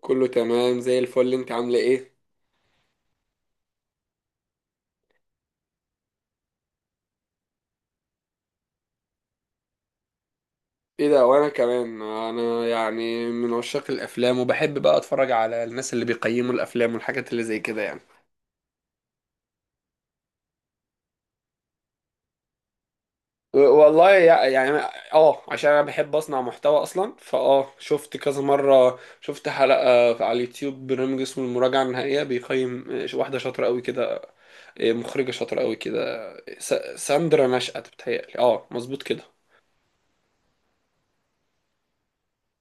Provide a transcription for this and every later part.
كله تمام زي الفل، انت عامله ايه؟ ايه ده! وانا كمان، انا يعني من عشاق الافلام وبحب بقى اتفرج على الناس اللي بيقيموا الافلام والحاجات اللي زي كده يعني. والله يعني. اه عشان انا بحب اصنع محتوى اصلا، فاه شفت كذا مره، شفت حلقه على اليوتيوب، برنامج اسمه المراجعه النهائيه بيقيم، واحده شاطره قوي كده، اه، مخرجه شاطره قوي كده. س- ساندرا نشأت، بتهيألي اه مظبوط كده.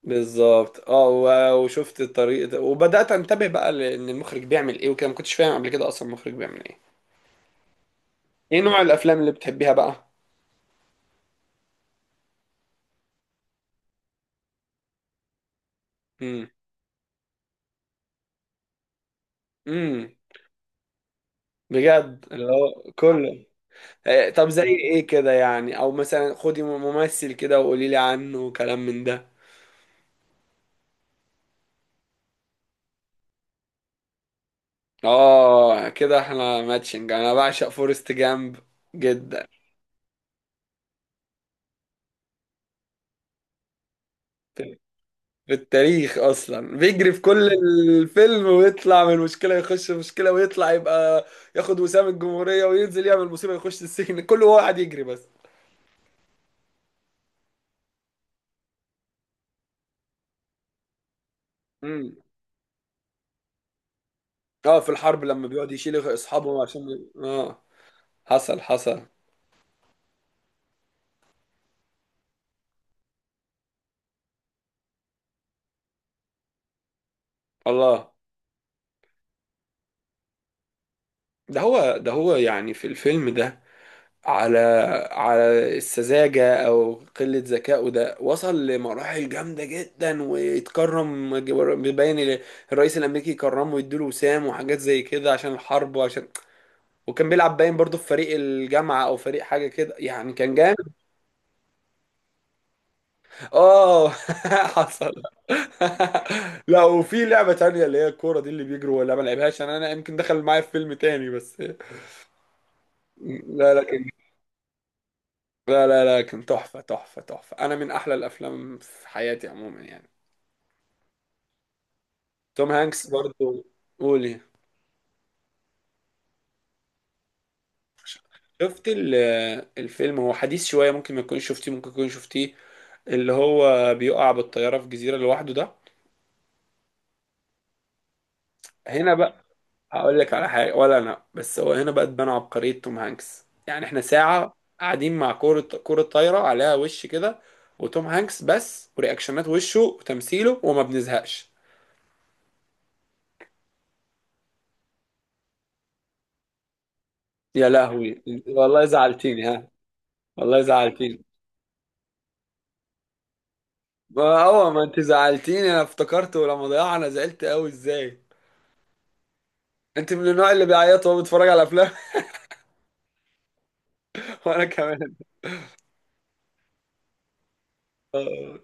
بالظبط. وشفت الطريق ده، وبدأت انتبه بقى لان المخرج بيعمل ايه وكده. ما كنتش فاهم قبل كده اصلا المخرج بيعمل ايه. ايه نوع الافلام اللي بتحبيها بقى؟ امم. امم. بجد؟ اللي هو كله؟ طب زي ايه كده يعني؟ او مثلا خدي ممثل كده وقولي لي عنه وكلام من ده. اه كده احنا ماتشنج، انا بعشق فورست جامب جدا. في التاريخ اصلا، بيجري في كل الفيلم، ويطلع من مشكله يخش في مشكله، ويطلع يبقى ياخد وسام الجمهوريه، وينزل يعمل مصيبه يخش السجن، كله هو قاعد يجري بس. امم. اه في الحرب لما بيقعد يشيل اصحابه عشان حصل حصل. الله. ده هو يعني في الفيلم ده، على السذاجة أو قلة ذكائه ده وصل لمراحل جامدة جدا، ويتكرم، باين الرئيس الأمريكي يكرمه ويديله وسام وحاجات زي كده عشان الحرب وعشان. وكان بيلعب باين برضه في فريق الجامعة أو فريق حاجة كده يعني، كان جامد. آه. حصل. لا وفي لعبة تانية اللي هي الكورة دي اللي بيجروا، ولا ما لعبهاش؟ أنا يمكن دخل معايا في فيلم تاني بس. لا لا كان، لا لا لا، كان تحفة تحفة تحفة، أنا من أحلى الأفلام في حياتي عموما يعني. توم هانكس برضو. قولي. شفت ال- الفيلم هو حديث شوية، ممكن ما تكونش شفتيه، ممكن تكون شفتيه، اللي هو بيقع بالطيارة في جزيرة لوحده ده. هنا بقى هقول لك على حاجة. ولا أنا بس، هو هنا بقى تبان عبقرية توم هانكس، يعني احنا ساعة قاعدين مع كورة، كورة طايرة عليها وش كده، وتوم هانكس بس، ورياكشنات وشه وتمثيله، وما بنزهقش. يا لهوي والله زعلتيني ها. والله زعلتيني. ما هو ما انت زعلتيني، انا افتكرت ولما ضيعنا زعلت قوي ازاي. انت من النوع اللي بيعيط وهو بيتفرج على افلام؟ وانا كمان. آه،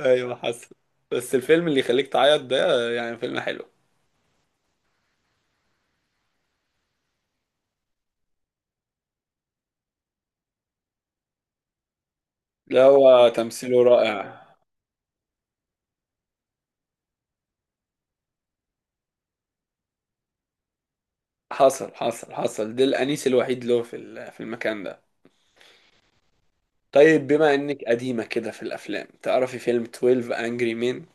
ايوه حسن. بس الفيلم اللي يخليك تعيط ده يعني فيلم حلو. لا هو تمثيله رائع. حصل حصل حصل، ده الانيس الوحيد له في المكان ده. طيب بما انك قديمة كده في الافلام، تعرفي فيلم 12 Angry Men؟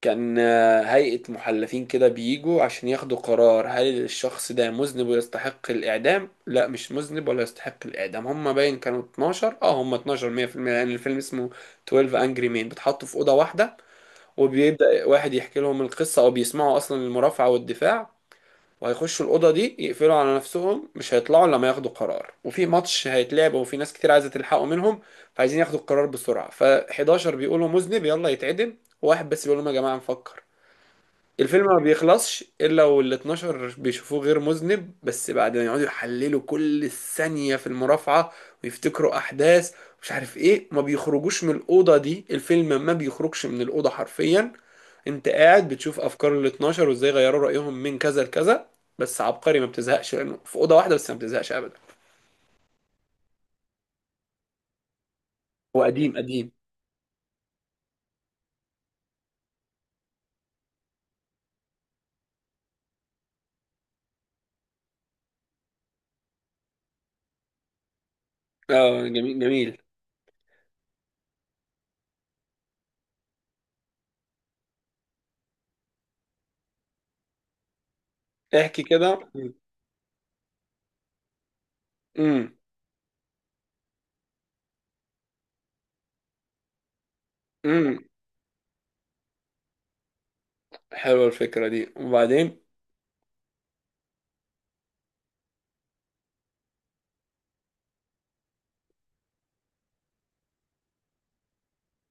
كان هيئة محلفين كده بيجوا عشان ياخدوا قرار، هل الشخص ده مذنب ويستحق الإعدام؟ لا، مش مذنب ولا يستحق الإعدام. هما باين كانوا 12، اه هما 12، 100%، لأن الفيلم اسمه 12 Angry Men. بيتحطوا في أوضة واحدة، وبيبدأ واحد يحكي لهم القصة، أو بيسمعوا أصلا المرافعة والدفاع، وهيخشوا الأوضة دي يقفلوا على نفسهم، مش هيطلعوا إلا لما ياخدوا قرار. وفي ماتش هيتلعب، وفي ناس كتير عايزة تلحقوا منهم، فعايزين ياخدوا القرار بسرعة. ف11 بيقولوا مذنب يلا يتعدم، وواحد بس بيقول لهم يا جماعة نفكر. الفيلم ما بيخلصش الا وال 12 بيشوفوه غير مذنب، بس بعد ما يقعدوا يحللوا كل ثانية في المرافعة ويفتكروا احداث، مش عارف ايه. ما بيخرجوش من الاوضة دي، الفيلم ما بيخرجش من الاوضة حرفيا. انت قاعد بتشوف افكار ال 12، وازاي غيروا رأيهم من كذا لكذا. بس عبقري، ما بتزهقش لانه في اوضة واحدة بس، ما بتزهقش ابدا. هو قديم قديم. اه جميل جميل. احكي كده. امم. امم. حلوة الفكرة دي، وبعدين؟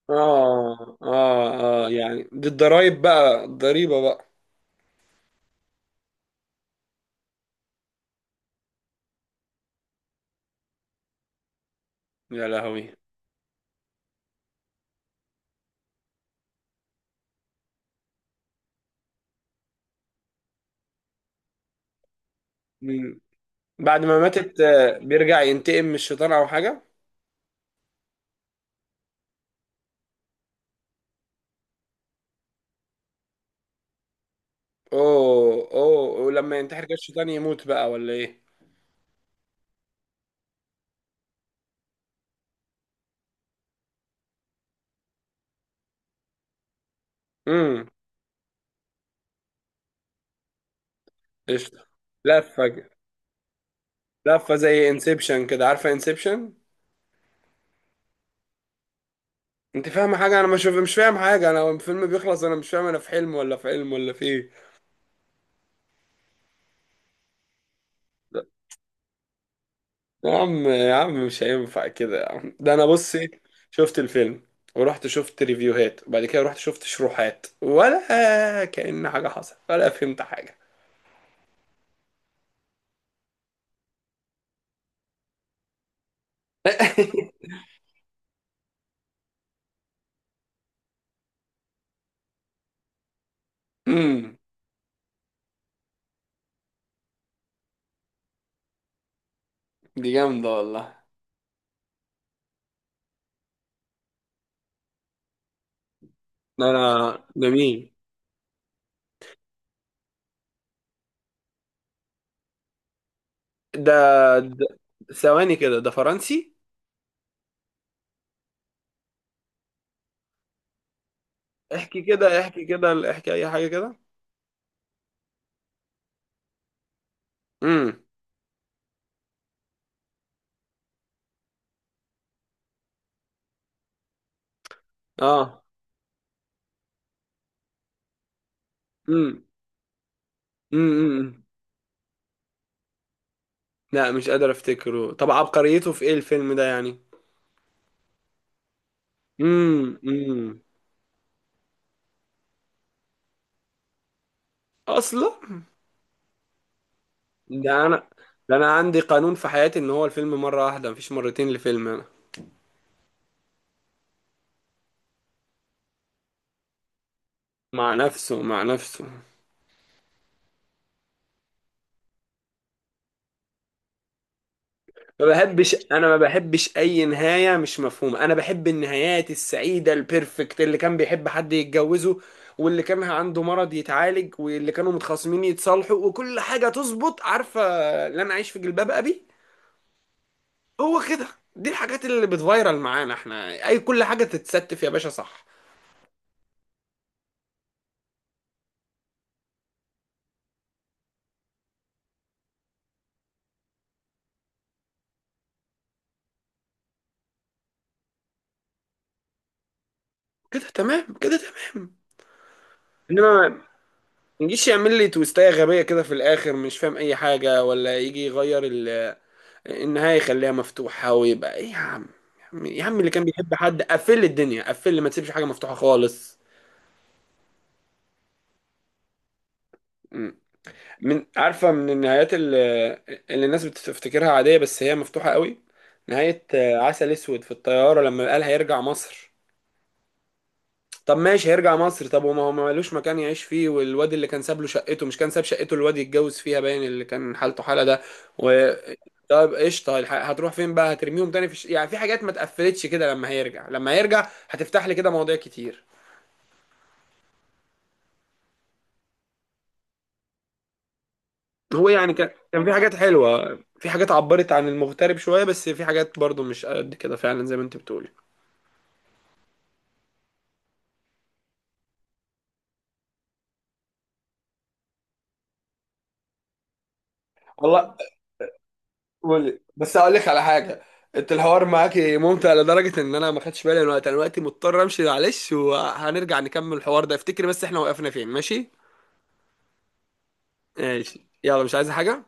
اه اه اه، يعني دي الضرايب بقى، الضريبة بقى. يا لهوي. مم. بعد ما ماتت، بيرجع ينتقم من الشيطان او حاجة؟ اوه اوه، ولما ينتحر كده الشيطان يموت بقى ولا ايه؟ امم. قشطة. لفة ج- لفة زي انسبشن كده، عارفة انسبشن؟ انت فاهمة حاجة؟ انا مش فاهم حاجة، انا الفيلم بيخلص انا مش فاهم، انا في حلم ولا في علم ولا في ايه؟ يا عم يا عم مش هينفع كده يا عم، ده انا بصي، شفت الفيلم، ورحت شفت ريفيوهات، وبعد كده رحت شفت شروحات، ولا كأن حاجة حصلت ولا فهمت حاجة. امم. دي جامدة والله. ده مين ده؟ ده- ثواني كده، ده فرنسي؟ احكي كده، احكي كده، احكي اي حاجة كده. امم. اه. امم. امم. لا مش قادر افتكره. طب عبقريته في ايه الفيلم ده يعني؟ امم. امم. اصلا. ده انا ده انا عندي قانون في حياتي، ان هو الفيلم مره واحده، مفيش مرتين لفيلم انا. مع نفسه مع نفسه. ما بحبش، انا ما بحبش اي نهايه مش مفهومه، انا بحب النهايات السعيده البيرفكت، اللي كان بيحب حد يتجوزه، واللي كان عنده مرض يتعالج، واللي كانوا متخاصمين يتصالحوا، وكل حاجه تظبط، عارفه؟ اللي انا عايش في جلباب ابي، هو كده. دي الحاجات اللي بتفايرل معانا احنا، اي كل حاجه تتستف يا باشا، صح؟ كده تمام كده تمام. انما يجيش يعمل لي تويستاية غبية كده في الآخر مش فاهم أي حاجة، ولا يجي يغير النهاية يخليها مفتوحة ويبقى إيه يا عم. يا عم يا عم اللي كان بيحب حد قفل لي الدنيا، قفل لي، ما تسيبش حاجة مفتوحة خالص. مم. من، عارفة من النهايات اللي، اللي الناس بتفتكرها عادية بس هي مفتوحة قوي، نهاية عسل أسود في الطيارة، لما قال هيرجع مصر. طب ماشي هيرجع مصر، طب وما هو ما مالوش مكان يعيش فيه، والواد اللي كان ساب له شقته، مش كان ساب شقته الواد يتجوز فيها باين، اللي كان حالته حالة ده، و طب قشطة هتروح فين بقى؟ هترميهم تاني في يعني في حاجات ما اتقفلتش كده، لما هيرجع، لما هيرجع هتفتح لي كده مواضيع كتير. هو يعني كان في حاجات حلوة، في حاجات عبرت عن المغترب شوية، بس في حاجات برضو مش قد كده فعلا زي ما انت بتقولي. والله. قولي بس اقول لك على حاجه. انت الحوار معاكي ممتع لدرجه ان انا ما خدتش بالي من الوقت، انا دلوقتي مضطر امشي معلش، وهنرجع نكمل الحوار ده، افتكري بس احنا وقفنا فين. ماشي؟ ماشي، يلا، مش عايزه حاجه؟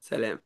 سلام.